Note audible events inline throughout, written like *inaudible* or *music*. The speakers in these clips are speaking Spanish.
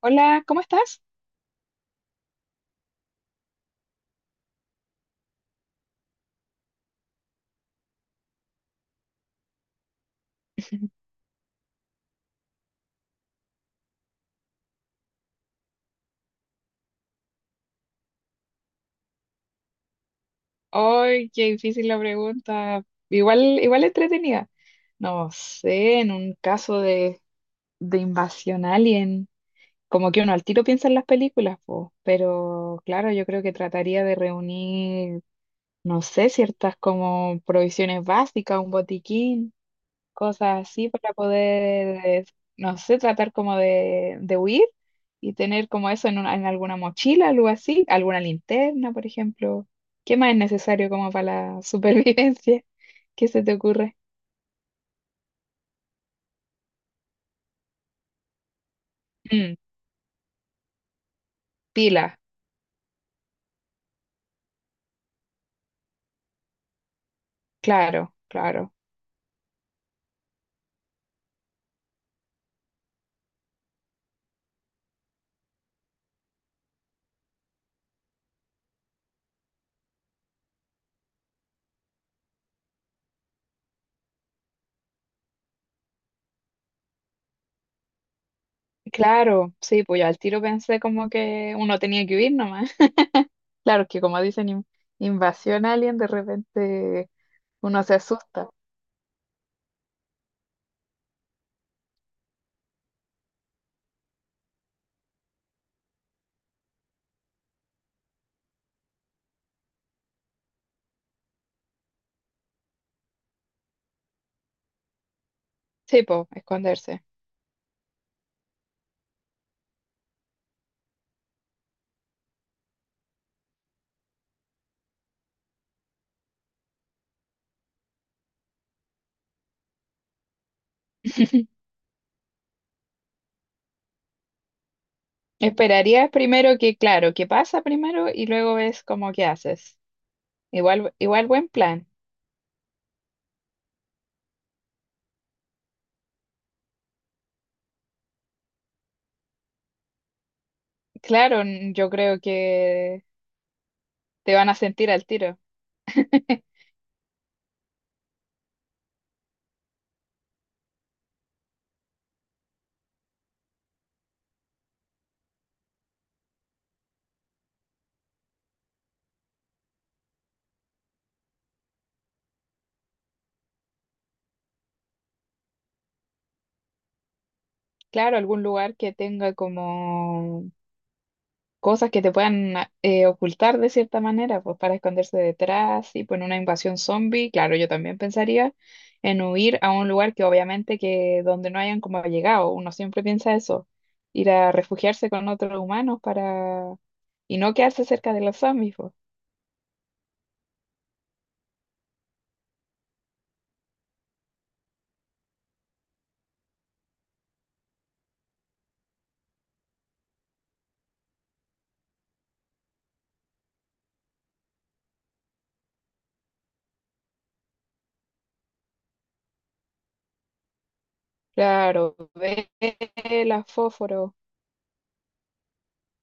Hola, ¿cómo estás? *laughs* Ay, qué difícil la pregunta. Igual, igual entretenida. No sé, en un caso de invasión alien, como que uno al tiro piensa en las películas, po, pero claro, yo creo que trataría de reunir, no sé, ciertas como provisiones básicas, un botiquín. Cosas así para poder, no sé, tratar como de huir y tener como eso en alguna mochila, algo así, alguna linterna, por ejemplo. ¿Qué más es necesario como para la *laughs* supervivencia? ¿Qué se te ocurre? Mm, pila, claro, claro. Claro, sí, pues yo al tiro pensé como que uno tenía que huir nomás. *laughs* Claro, es que como dicen invasión alien, de repente uno se asusta. Sí, pues, esconderse. Esperarías primero que, claro, que pasa primero y luego ves cómo qué haces. Igual, igual buen plan. Claro, yo creo que te van a sentir al tiro. Claro, algún lugar que tenga como cosas que te puedan ocultar de cierta manera, pues para esconderse detrás y pues en una invasión zombie, claro, yo también pensaría en huir a un lugar que obviamente que donde no hayan como llegado, uno siempre piensa eso, ir a refugiarse con otros humanos para y no quedarse cerca de los zombies, pues. Claro, velas, fósforos,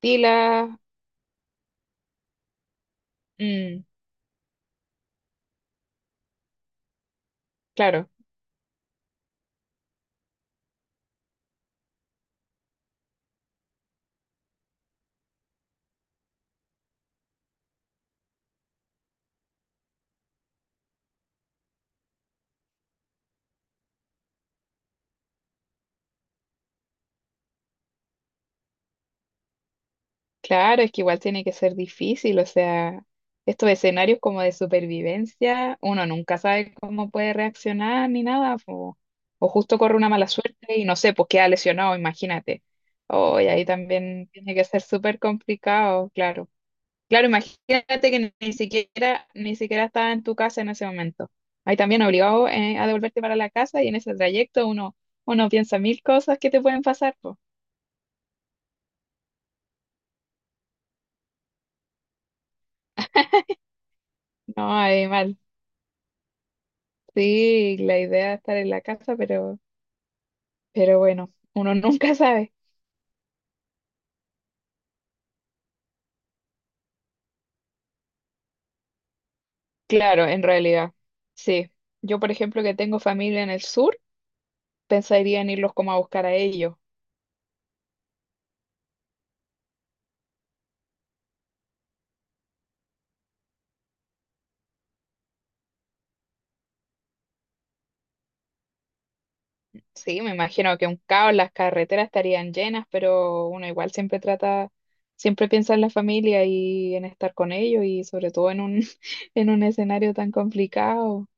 pilas, mm, claro. Claro, es que igual tiene que ser difícil, o sea, estos escenarios como de supervivencia, uno nunca sabe cómo puede reaccionar ni nada, o justo corre una mala suerte y no sé, pues queda lesionado, imagínate. Oh, y ahí también tiene que ser súper complicado, claro. Claro, imagínate que ni siquiera, ni siquiera estaba en tu casa en ese momento. Ahí también obligado, a devolverte para la casa y en ese trayecto uno piensa mil cosas que te pueden pasar, pues. No, hay mal. Sí, la idea es estar en la casa, pero bueno, uno *laughs* nunca sabe. Claro, en realidad, sí. Yo, por ejemplo, que tengo familia en el sur, pensaría en irlos como a buscar a ellos. Sí, me imagino que un caos, las carreteras estarían llenas, pero uno igual siempre trata, siempre piensa en la familia y en estar con ellos y sobre todo en un, *laughs* en un escenario tan complicado.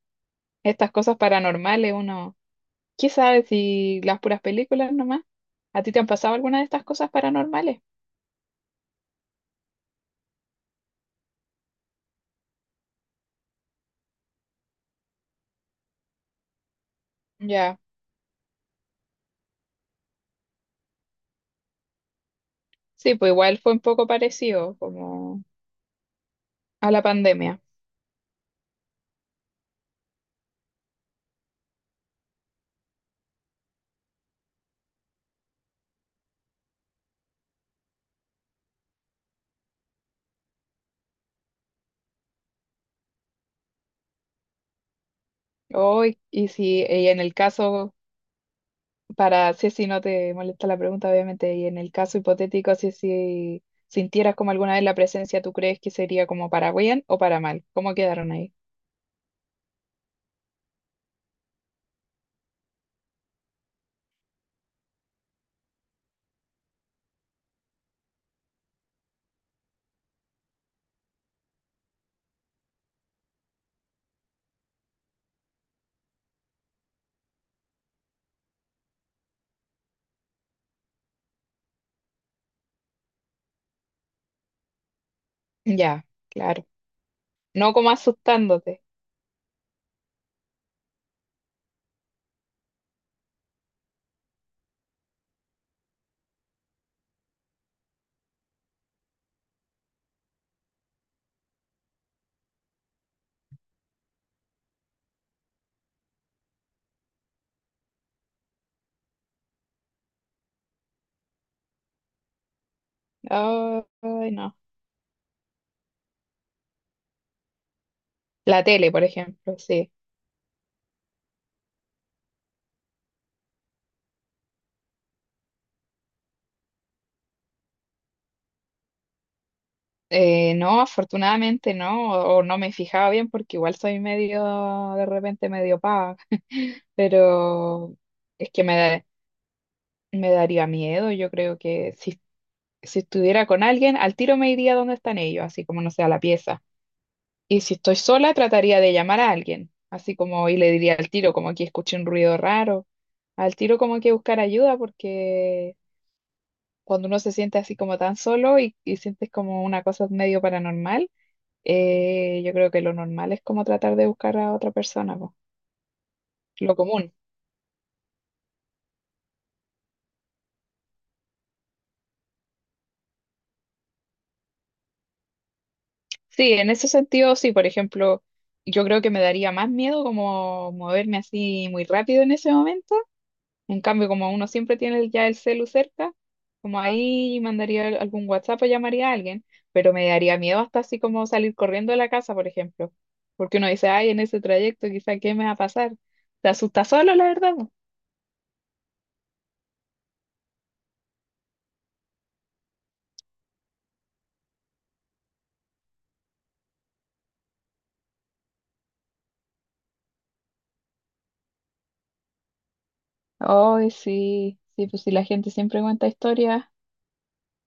Estas cosas paranormales, uno, ¿qué sabe si las puras películas nomás? ¿A ti te han pasado alguna de estas cosas paranormales? Ya, sí, pues igual fue un poco parecido como a la pandemia. Hoy, y si y en el caso, para si no te molesta la pregunta, obviamente, y en el caso hipotético, si sintieras como alguna vez la presencia, ¿tú crees que sería como para bien o para mal? ¿Cómo quedaron ahí? Ya, claro. No como asustándote. Ay, no. La tele, por ejemplo, sí. No, afortunadamente no, o no me fijaba bien porque igual soy medio, de repente medio paga pero es que me daría miedo. Yo creo que si, si estuviera con alguien, al tiro me iría donde están ellos, así como no sea la pieza. Y si estoy sola, trataría de llamar a alguien, así como y le diría al tiro, como que escuché un ruido raro, al tiro como que buscar ayuda, porque cuando uno se siente así como tan solo y sientes como una cosa medio paranormal, yo creo que lo normal es como tratar de buscar a otra persona, po. Lo común. Sí, en ese sentido, sí, por ejemplo, yo creo que me daría más miedo como moverme así muy rápido en ese momento. En cambio, como uno siempre tiene ya el celu cerca, como ahí mandaría algún WhatsApp o llamaría a alguien, pero me daría miedo hasta así como salir corriendo de la casa, por ejemplo, porque uno dice, ay, en ese trayecto quizá qué me va a pasar. Te asusta solo, la verdad. Po. Ay, sí, sí, pues si la gente siempre cuenta historias.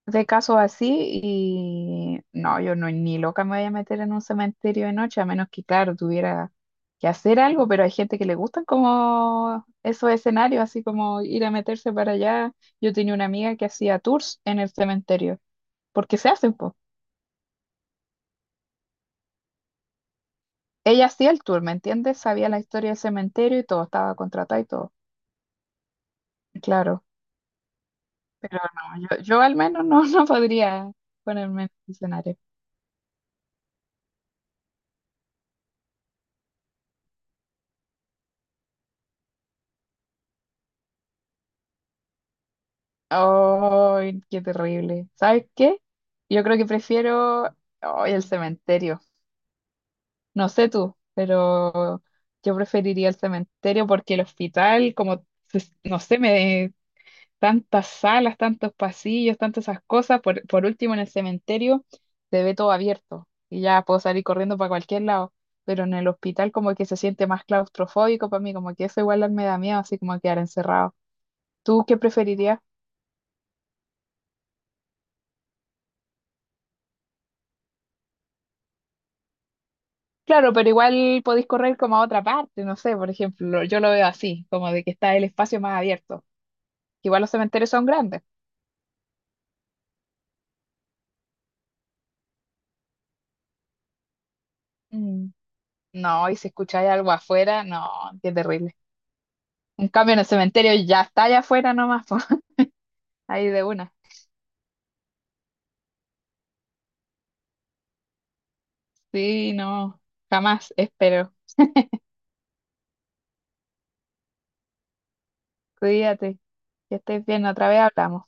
De casos así y no, yo no ni loca me voy a meter en un cementerio de noche, a menos que, claro, tuviera que hacer algo, pero hay gente que le gustan como esos escenarios, así como ir a meterse para allá. Yo tenía una amiga que hacía tours en el cementerio, porque se hacen, pues. Ella hacía el tour, ¿me entiendes? Sabía la historia del cementerio y todo, estaba contratada y todo. Claro, pero no, yo al menos no, *laughs* no podría ponerme en ese escenario. Ay, qué terrible. ¿Sabes qué? Yo creo que prefiero ay, el cementerio. No sé tú, pero yo preferiría el cementerio porque el hospital, como, se- no sé, me tantas salas, tantos pasillos, tantas esas cosas. Por último, en el cementerio se ve todo abierto y ya puedo salir corriendo para cualquier lado. Pero en el hospital como que se siente más claustrofóbico para mí, como que eso igual me da miedo, así como quedar encerrado. ¿Tú qué preferirías? Claro, pero igual podéis correr como a otra parte, no sé, por ejemplo, yo lo veo así, como de que está el espacio más abierto. Igual los cementerios son grandes. Mm. No, y si escucháis algo afuera, no, qué terrible. En cambio, en el cementerio ya está allá afuera nomás, po, *laughs* ahí de una. Sí, no, jamás, espero. Cuídate, que estés bien, otra vez hablamos.